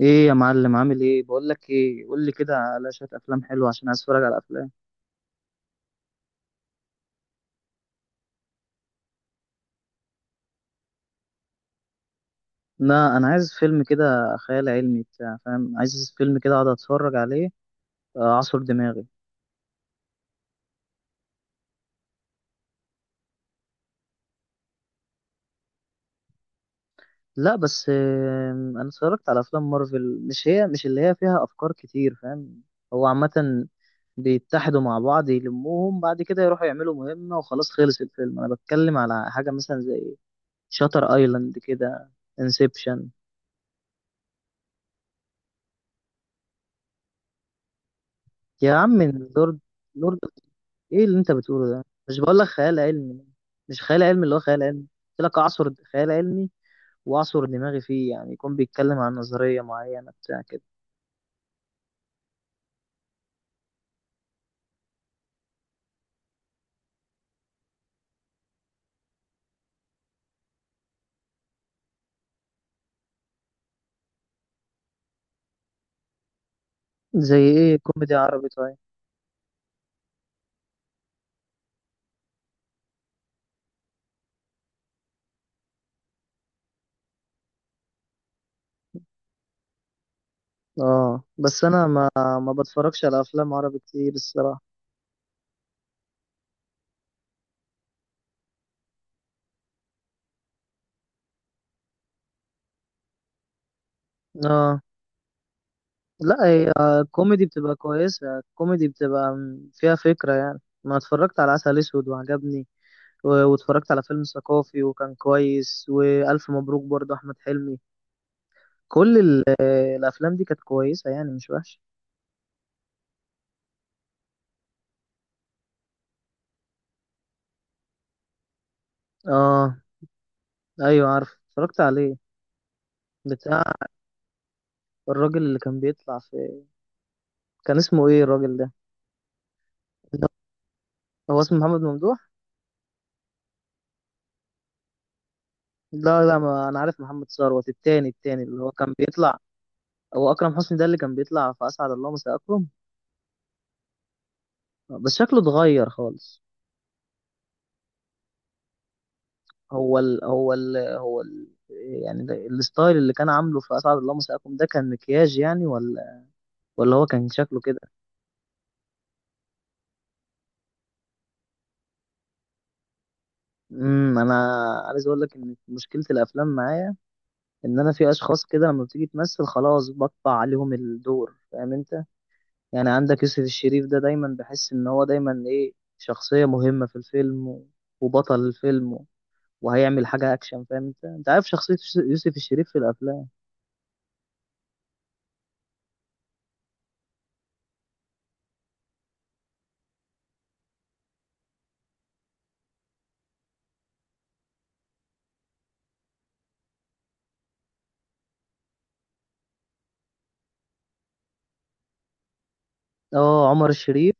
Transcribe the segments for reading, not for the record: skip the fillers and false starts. ايه يا معلم؟ عامل ايه؟ بقول لك ايه، قول لي كده على شويه افلام حلوه عشان عايز اتفرج على افلام. لا، انا عايز فيلم كده خيال علمي بتاع، فاهم؟ عايز فيلم كده اقعد اتفرج عليه، اعصر دماغي. لا بس انا اتفرجت على افلام مارفل، مش هي، مش اللي هي فيها افكار كتير، فاهم؟ هو عامه، بيتحدوا مع بعض، يلموهم، بعد كده يروحوا يعملوا مهمه وخلاص خلص الفيلم. انا بتكلم على حاجه مثلا زي شاتر ايلاند كده، انسبشن. يا عم، لورد لورد، ايه اللي انت بتقوله ده؟ مش بقول لك خيال علمي؟ مش خيال علمي، اللي هو خيال علمي. قلت لك اعصر خيال علمي، واعصر دماغي فيه، يعني يكون بيتكلم عن نظرية معينة بتاع كده. زي ايه كوميدي عربي؟ طيب. اه، بس انا ما بتفرجش على افلام عربي كتير الصراحة. اه، لا، هي الكوميدي بتبقى كويسة، الكوميدي بتبقى فيها فكرة، يعني ما اتفرجت على عسل اسود وعجبني، و- واتفرجت على فيلم ثقافي وكان كويس، والف مبروك برضه احمد حلمي. كل الافلام دي كانت كويسه يعني، مش وحشه. اه، ايوه عارف، اتفرجت عليه. بتاع، الراجل اللي كان بيطلع في، كان اسمه ايه الراجل ده؟ اللي هو اسمه محمد ممدوح؟ لا لا، ما انا عارف محمد ثروت، التاني، التاني اللي هو كان بيطلع. هو اكرم حسني ده، اللي كان بيطلع في اسعد الله مساء اكرم؟ بس شكله اتغير خالص. هو ال... هو ال... هو ال... يعني الستايل اللي كان عامله في اسعد الله مساء اكرم ده كان مكياج يعني، ولا ولا هو كان شكله كده؟ انا عايز اقول لك ان مشكله الافلام معايا، ان انا في اشخاص كده لما بتيجي تمثل خلاص بقطع عليهم الدور، فاهم انت؟ يعني عندك يوسف الشريف ده، دايما بحس ان هو دايما ايه، شخصية مهمة في الفيلم وبطل الفيلم وهيعمل حاجة اكشن. فاهم انت عارف شخصية يوسف الشريف في الافلام؟ اه، عمر الشريف.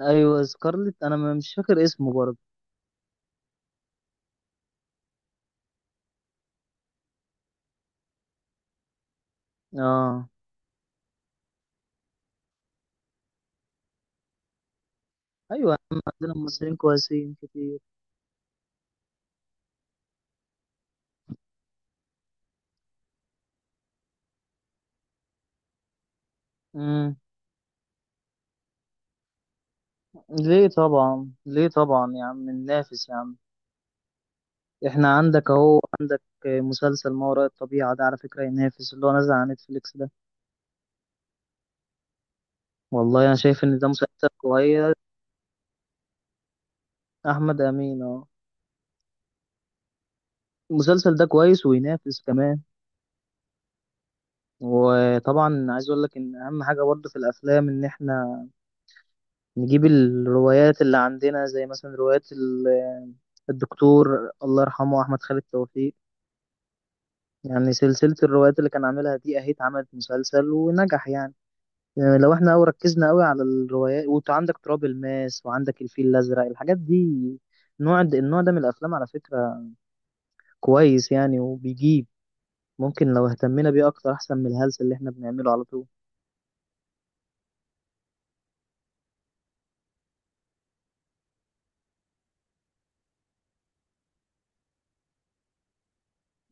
ايوه سكارلت، انا مش فاكر اسمه برضه. اه، ايوه يا عم، عندنا ممثلين كويسين كتير. امم. ليه طبعا، ليه طبعا يا عم، ننافس يا عم. احنا عندك اهو، عندك مسلسل ما وراء الطبيعة ده، على فكرة ينافس اللي هو نازل على نتفليكس ده. والله انا شايف ان ده مسلسل كويس. احمد امين، اه. المسلسل ده كويس وينافس كمان. وطبعا عايز اقول لك ان اهم حاجة برضه في الافلام ان احنا نجيب الروايات اللي عندنا، زي مثلا روايات الدكتور الله يرحمه احمد خالد توفيق. يعني سلسلة الروايات اللي كان عاملها دي اهي، اتعملت مسلسل ونجح يعني. يعني لو احنا أوي ركزنا أوي على الروايات، وانت عندك تراب الماس، وعندك الفيل الأزرق، الحاجات دي، النوع ده من الأفلام على فكرة كويس يعني، وبيجيب. ممكن لو اهتمينا بيه أكتر، أحسن من الهلس اللي احنا بنعمله على طول.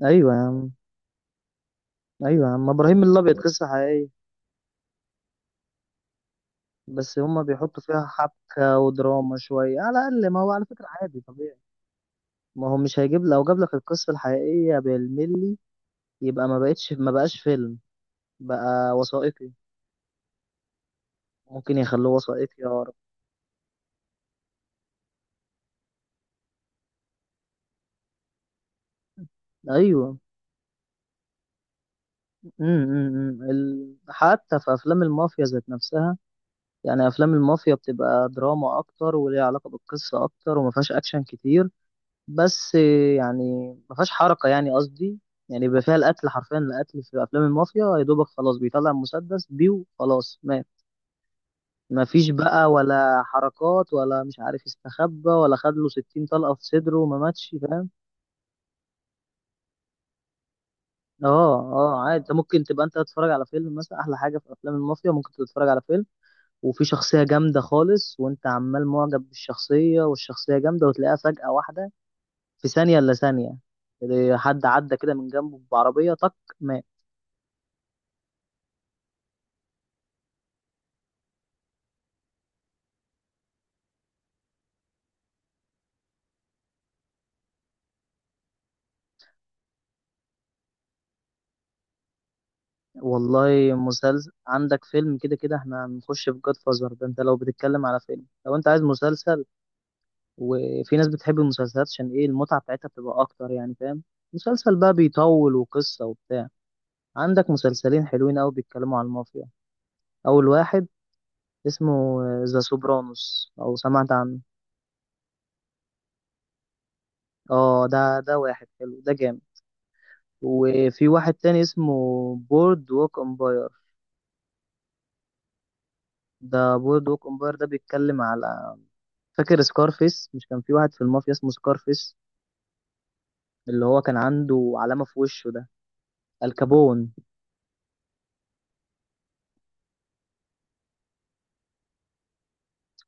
أيوة يا عم، أيوة يا عم، إبراهيم الأبيض قصة حقيقية. بس هما بيحطوا فيها حبكة ودراما شوية على الأقل، ما هو على فكرة عادي طبيعي. ما هو مش هيجيب، لو جاب لك القصة الحقيقية بالملي يبقى ما بقاش فيلم، بقى وثائقي. ممكن يخلوه وثائقي يا رب. أيوة. حتى في افلام المافيا ذات نفسها، يعني افلام المافيا بتبقى دراما اكتر، وليها علاقه بالقصه اكتر، وما فيهاش اكشن كتير. بس يعني، ما فيهاش حركه يعني، قصدي، يعني بيبقى فيها القتل، حرفيا القتل في افلام المافيا، يا دوبك خلاص بيطلع مسدس بيه وخلاص مات. ما فيش بقى ولا حركات، ولا مش عارف، استخبى، ولا خد له 60 طلقه في صدره وما ماتش، فاهم؟ اه، اه، عادي. انت ممكن تبقى انت تتفرج على فيلم مثلا، احلى حاجه في افلام المافيا، ممكن تتفرج على فيلم وفي شخصية جامدة خالص، وانت عمال معجب بالشخصية، والشخصية جامدة، وتلاقيها فجأة واحدة، في ثانية إلا ثانية، إيه، حد عدى كده من جنبه بعربية، طق، مات. والله، مسلسل عندك، فيلم، كده كده احنا هنخش في جاد فازر ده، انت لو بتتكلم على فيلم، لو انت عايز مسلسل، وفي ناس بتحب المسلسلات عشان ايه، المتعة بتاعتها بتبقى اكتر يعني، فاهم؟ مسلسل بقى بيطول، وقصة وبتاع. عندك مسلسلين حلوين قوي بيتكلموا عن المافيا. اول واحد اسمه ذا سوبرانوس، او سمعت عنه؟ اه، ده واحد حلو، ده جامد. وفي واحد تاني اسمه بورد ووك امباير. ده بورد ووك امباير ده بيتكلم على، فاكر سكارفيس؟ مش كان في واحد في المافيا اسمه سكارفيس، اللي هو كان عنده علامة في وشه ده، الكابون.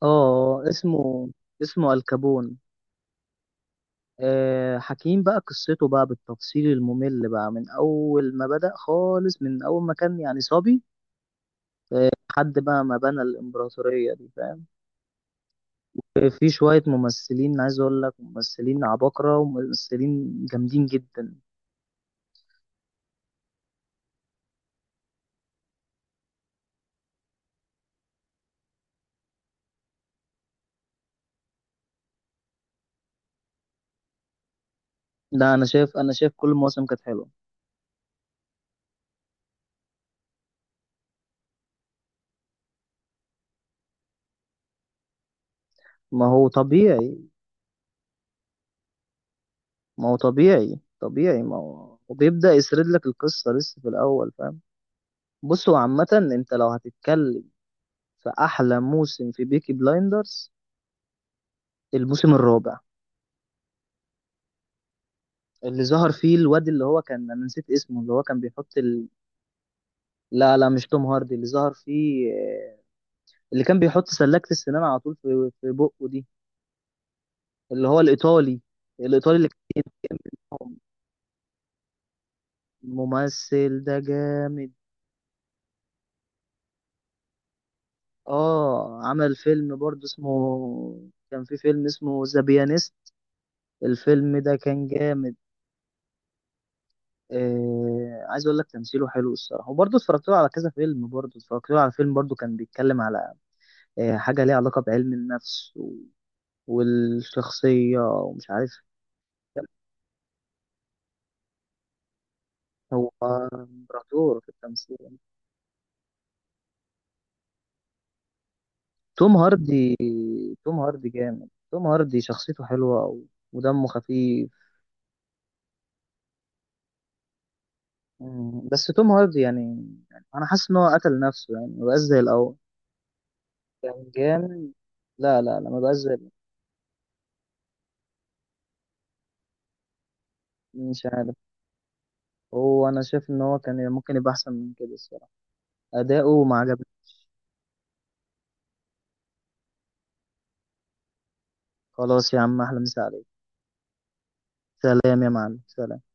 اه اسمه الكابون. حكيم بقى قصته بقى بالتفصيل الممل، بقى من أول ما بدأ خالص، من أول ما كان يعني صبي، لحد بقى ما بنى الإمبراطورية دي، فاهم؟ في شوية ممثلين عايز أقول لك ممثلين عباقرة وممثلين جامدين جدا. ده أنا شايف كل المواسم كانت حلوة. ما هو طبيعي. ما هو طبيعي طبيعي، ما هو وبيبدأ يسرد لك القصة لسه في الأول، فاهم؟ بص هو عامة، أنت لو هتتكلم في أحلى موسم في بيكي بلايندرز، الموسم الرابع، اللي ظهر فيه الواد، اللي هو كان، أنا نسيت اسمه، اللي هو كان بيحط لا لا، مش توم هاردي اللي ظهر فيه، اللي كان بيحط سلاكة السنان على طول في بقه دي، اللي هو الإيطالي. الإيطالي اللي كان، ممثل ده جامد. اه، عمل فيلم برضه اسمه، كان في فيلم اسمه ذا بيانيست. الفيلم ده كان جامد. عايز اقول لك تمثيله حلو الصراحه، وبرضه اتفرجت له على كذا فيلم، برضه اتفرجت له على فيلم برضه كان بيتكلم على حاجه ليها علاقه بعلم النفس و... والشخصيه، ومش عارف. هو امبراطور في التمثيل. توم هاردي. توم هاردي جامد، توم هاردي شخصيته حلوه أوي، ودمه خفيف. مم. بس توم هاردي يعني، يعني انا حاسس ان هو قتل نفسه، يعني ما بقاش زي الاول. كان جامد. لا لا لا، ما بقاش زي الأول. مش عارف. هو انا شايف ان هو كان ممكن يبقى احسن من كده الصراحه، اداؤه ما عجبني. خلاص يا عم، احلى مسا عليك. سلام يا معلم، سلام.